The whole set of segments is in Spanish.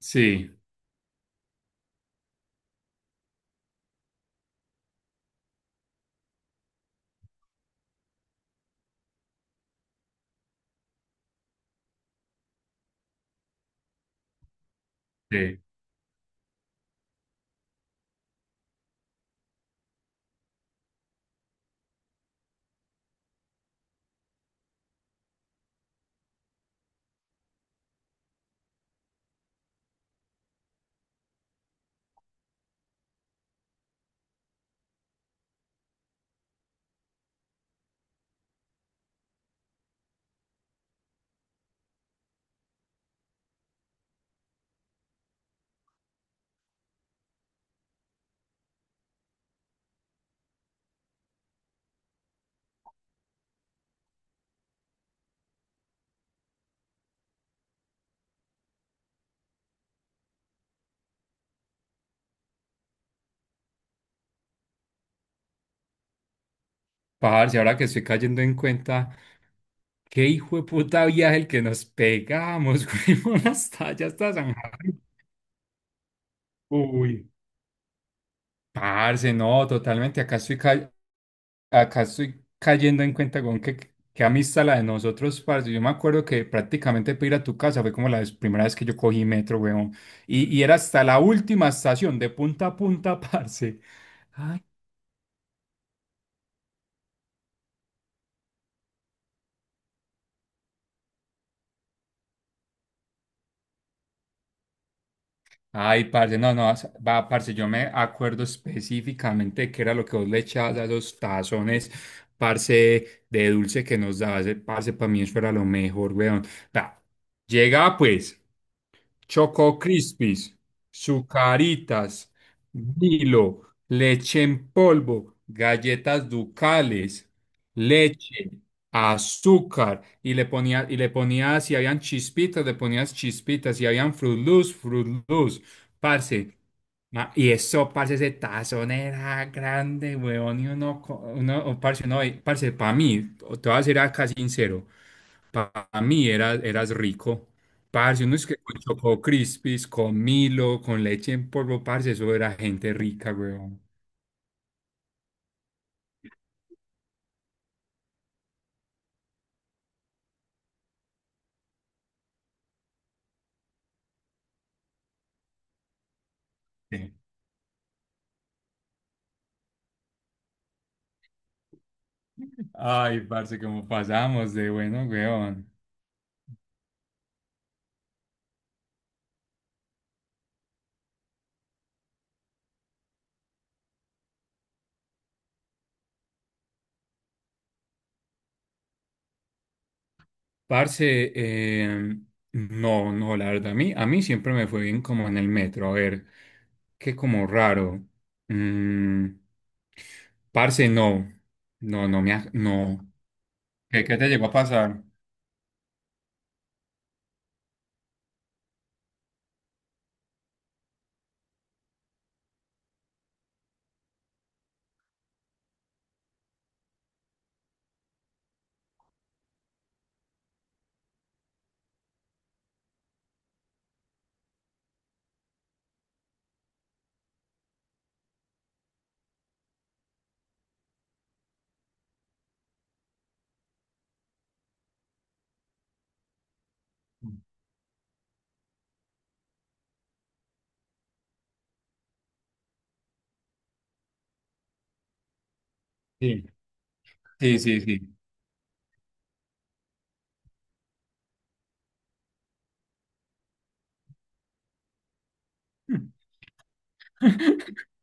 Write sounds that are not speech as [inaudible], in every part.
Sí, sí. Parce, ahora que estoy cayendo en cuenta, qué hijo de puta viaje el que nos pegamos, [laughs] güey, hasta allá, hasta San Javi. Uy, parce, no, totalmente. Acá estoy, acá estoy cayendo en cuenta con qué, qué amistad la de nosotros, parce. Yo me acuerdo que prácticamente para ir a tu casa fue como la primera vez que yo cogí metro, weón. Y era hasta la última estación, de punta a punta, [laughs] parce. Ay, parce, no, no, va, parce, yo me acuerdo específicamente de qué era lo que vos le echabas a esos tazones, parce, de dulce que nos dabas, parce, para mí eso era lo mejor, weón. Va, llegaba pues. Choco Crispis, Sucaritas, Milo, leche en polvo, galletas ducales, leche, azúcar, y le ponía, si habían chispitas, le ponías chispitas, si habían Froot Loops, Froot Loops, parce. Ah, y eso, parce, ese tazón era grande, weón, y uno, uno oh, parce, no, parce, para mí, te voy a ser acá sincero, para mí era, eras rico. Parce, uno es que con Choco Crispis, con Milo, con leche en polvo, parce, eso era gente rica, weón. Sí. Ay, parce, cómo pasamos de bueno, weón. Parce, no, no, la verdad, a mí siempre me fue bien como en el metro, a ver, qué como raro. Mm, parce, no, no, no me, no. ¿Qué, qué te llegó a pasar? Sí, sí, sí, sí. [laughs]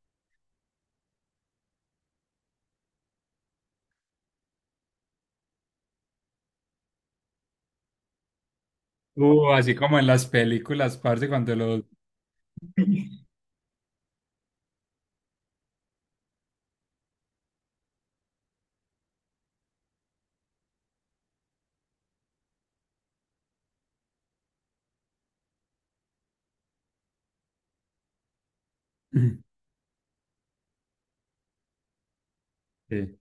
Así como en las películas, parce, cuando los... [clears throat] Sí.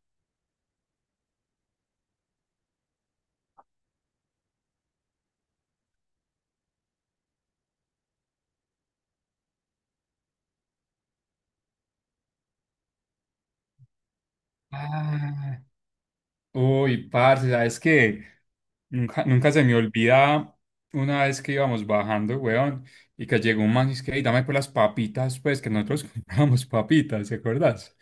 Ah, uy, parce, ¿sabes qué? Nunca, nunca se me olvida una vez que íbamos bajando, weón, y que llegó un man y es que, "Ey, dame por las papitas, pues, que nosotros [laughs] comprábamos papitas, ¿te acuerdas?"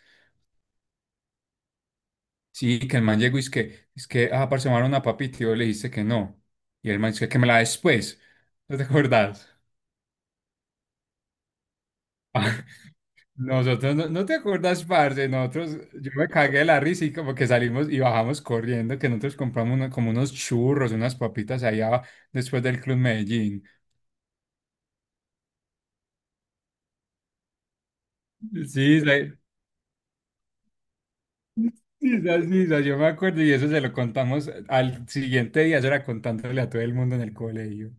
Sí, que el man llegó y es que, ah, parce, me van a dar una papita, y yo le dije que no. Y el man dice que me la des, pues, ¿no te acuerdas? Nosotros, no, no te acuerdas, parce, nosotros, yo me cagué de la risa y como que salimos y bajamos corriendo, que nosotros compramos como unos churros, unas papitas allá después del Club Medellín. Sí, sí, sí, sí, sí, sí, yo me acuerdo y eso se lo contamos al siguiente día, eso era contándole a todo el mundo en el colegio.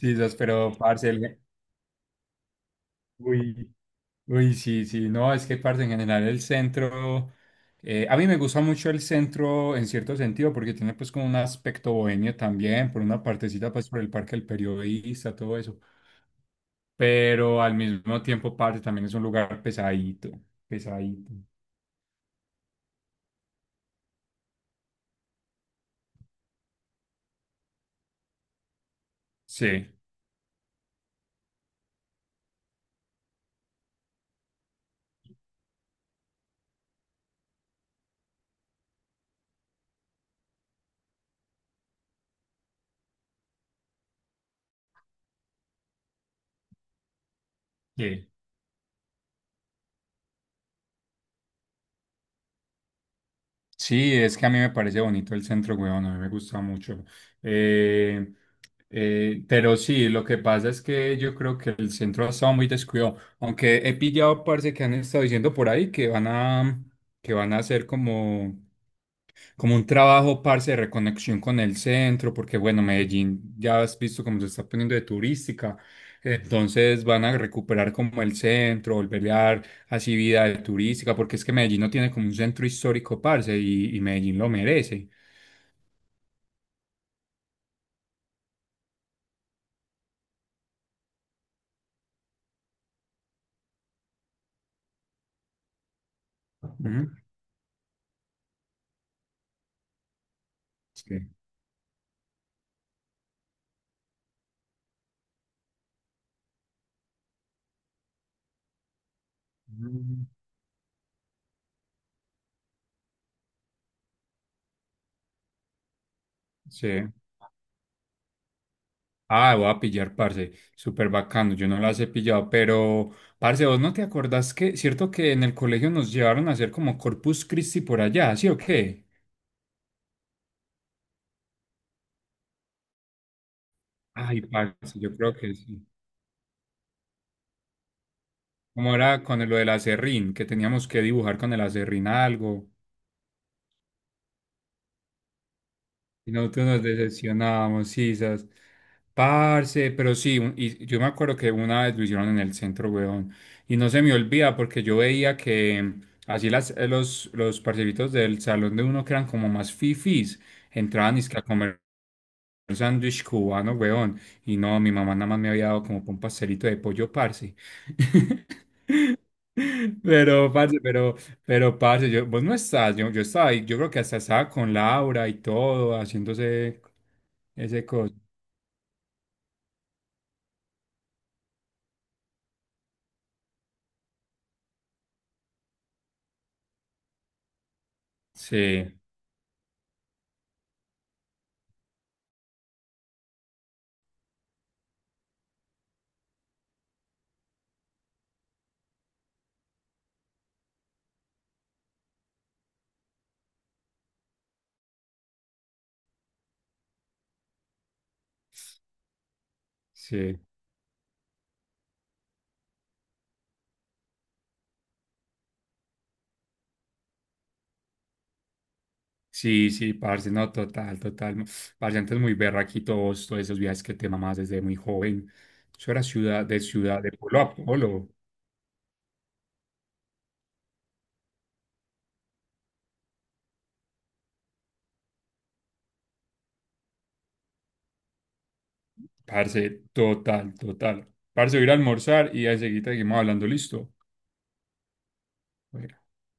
Sí, sí, pero, parce, uy. Uy, sí, sí, no, es que parte en general el centro, a mí me gusta mucho el centro en cierto sentido porque tiene pues como un aspecto bohemio también, por una partecita pues por el Parque del Periodista, todo eso, pero al mismo tiempo parte también es un lugar pesadito, pesadito. Sí, sí. Sí, es que a mí me parece bonito el centro, weón, a mí me gusta mucho. Eh, pero sí, lo que pasa es que yo creo que el centro ha estado muy descuidado, aunque he pillado, parce, que han estado diciendo por ahí que van a hacer como un trabajo, parce, de reconexión con el centro, porque bueno, Medellín ya has visto cómo se está poniendo de turística, entonces van a recuperar como el centro, volverle a dar así vida de turística, porque es que Medellín no tiene como un centro histórico, parce, y Medellín lo merece. Ujú. Sí. Ujú. Sí. Ah, voy a pillar, parce, súper bacano, yo no las he pillado, pero, parce, vos no te acordás que, cierto que en el colegio nos llevaron a hacer como Corpus Christi por allá, ¿sí o qué? Ay, parce, yo creo que sí. Como era con lo del acerrín, que teníamos que dibujar con el acerrín algo, y nosotros nos decepcionábamos, sisas. Parce, pero sí, y yo me acuerdo que una vez lo hicieron en el centro, weón. Y no se me olvida porque yo veía que así las, los parceritos del salón de uno que eran como más fifís, entraban y a comer un sándwich cubano, weón. Y no, mi mamá nada más me había dado como pa' un pastelito de pollo, parce. [laughs] Pero, parce, pero, pero, parce, yo, vos no estás, yo estaba ahí, yo creo que hasta estaba con Laura y todo, haciéndose ese cosa. Sí, sí, sí, sí, parce, no, total, total. No. Parce, antes muy berraquito vos, todos esos viajes que te mamás desde muy joven. Eso era ciudad, de pueblo a pueblo. Parce, total, total. Parce, voy a ir a almorzar y ahí seguita seguimos hablando, listo. Oiga.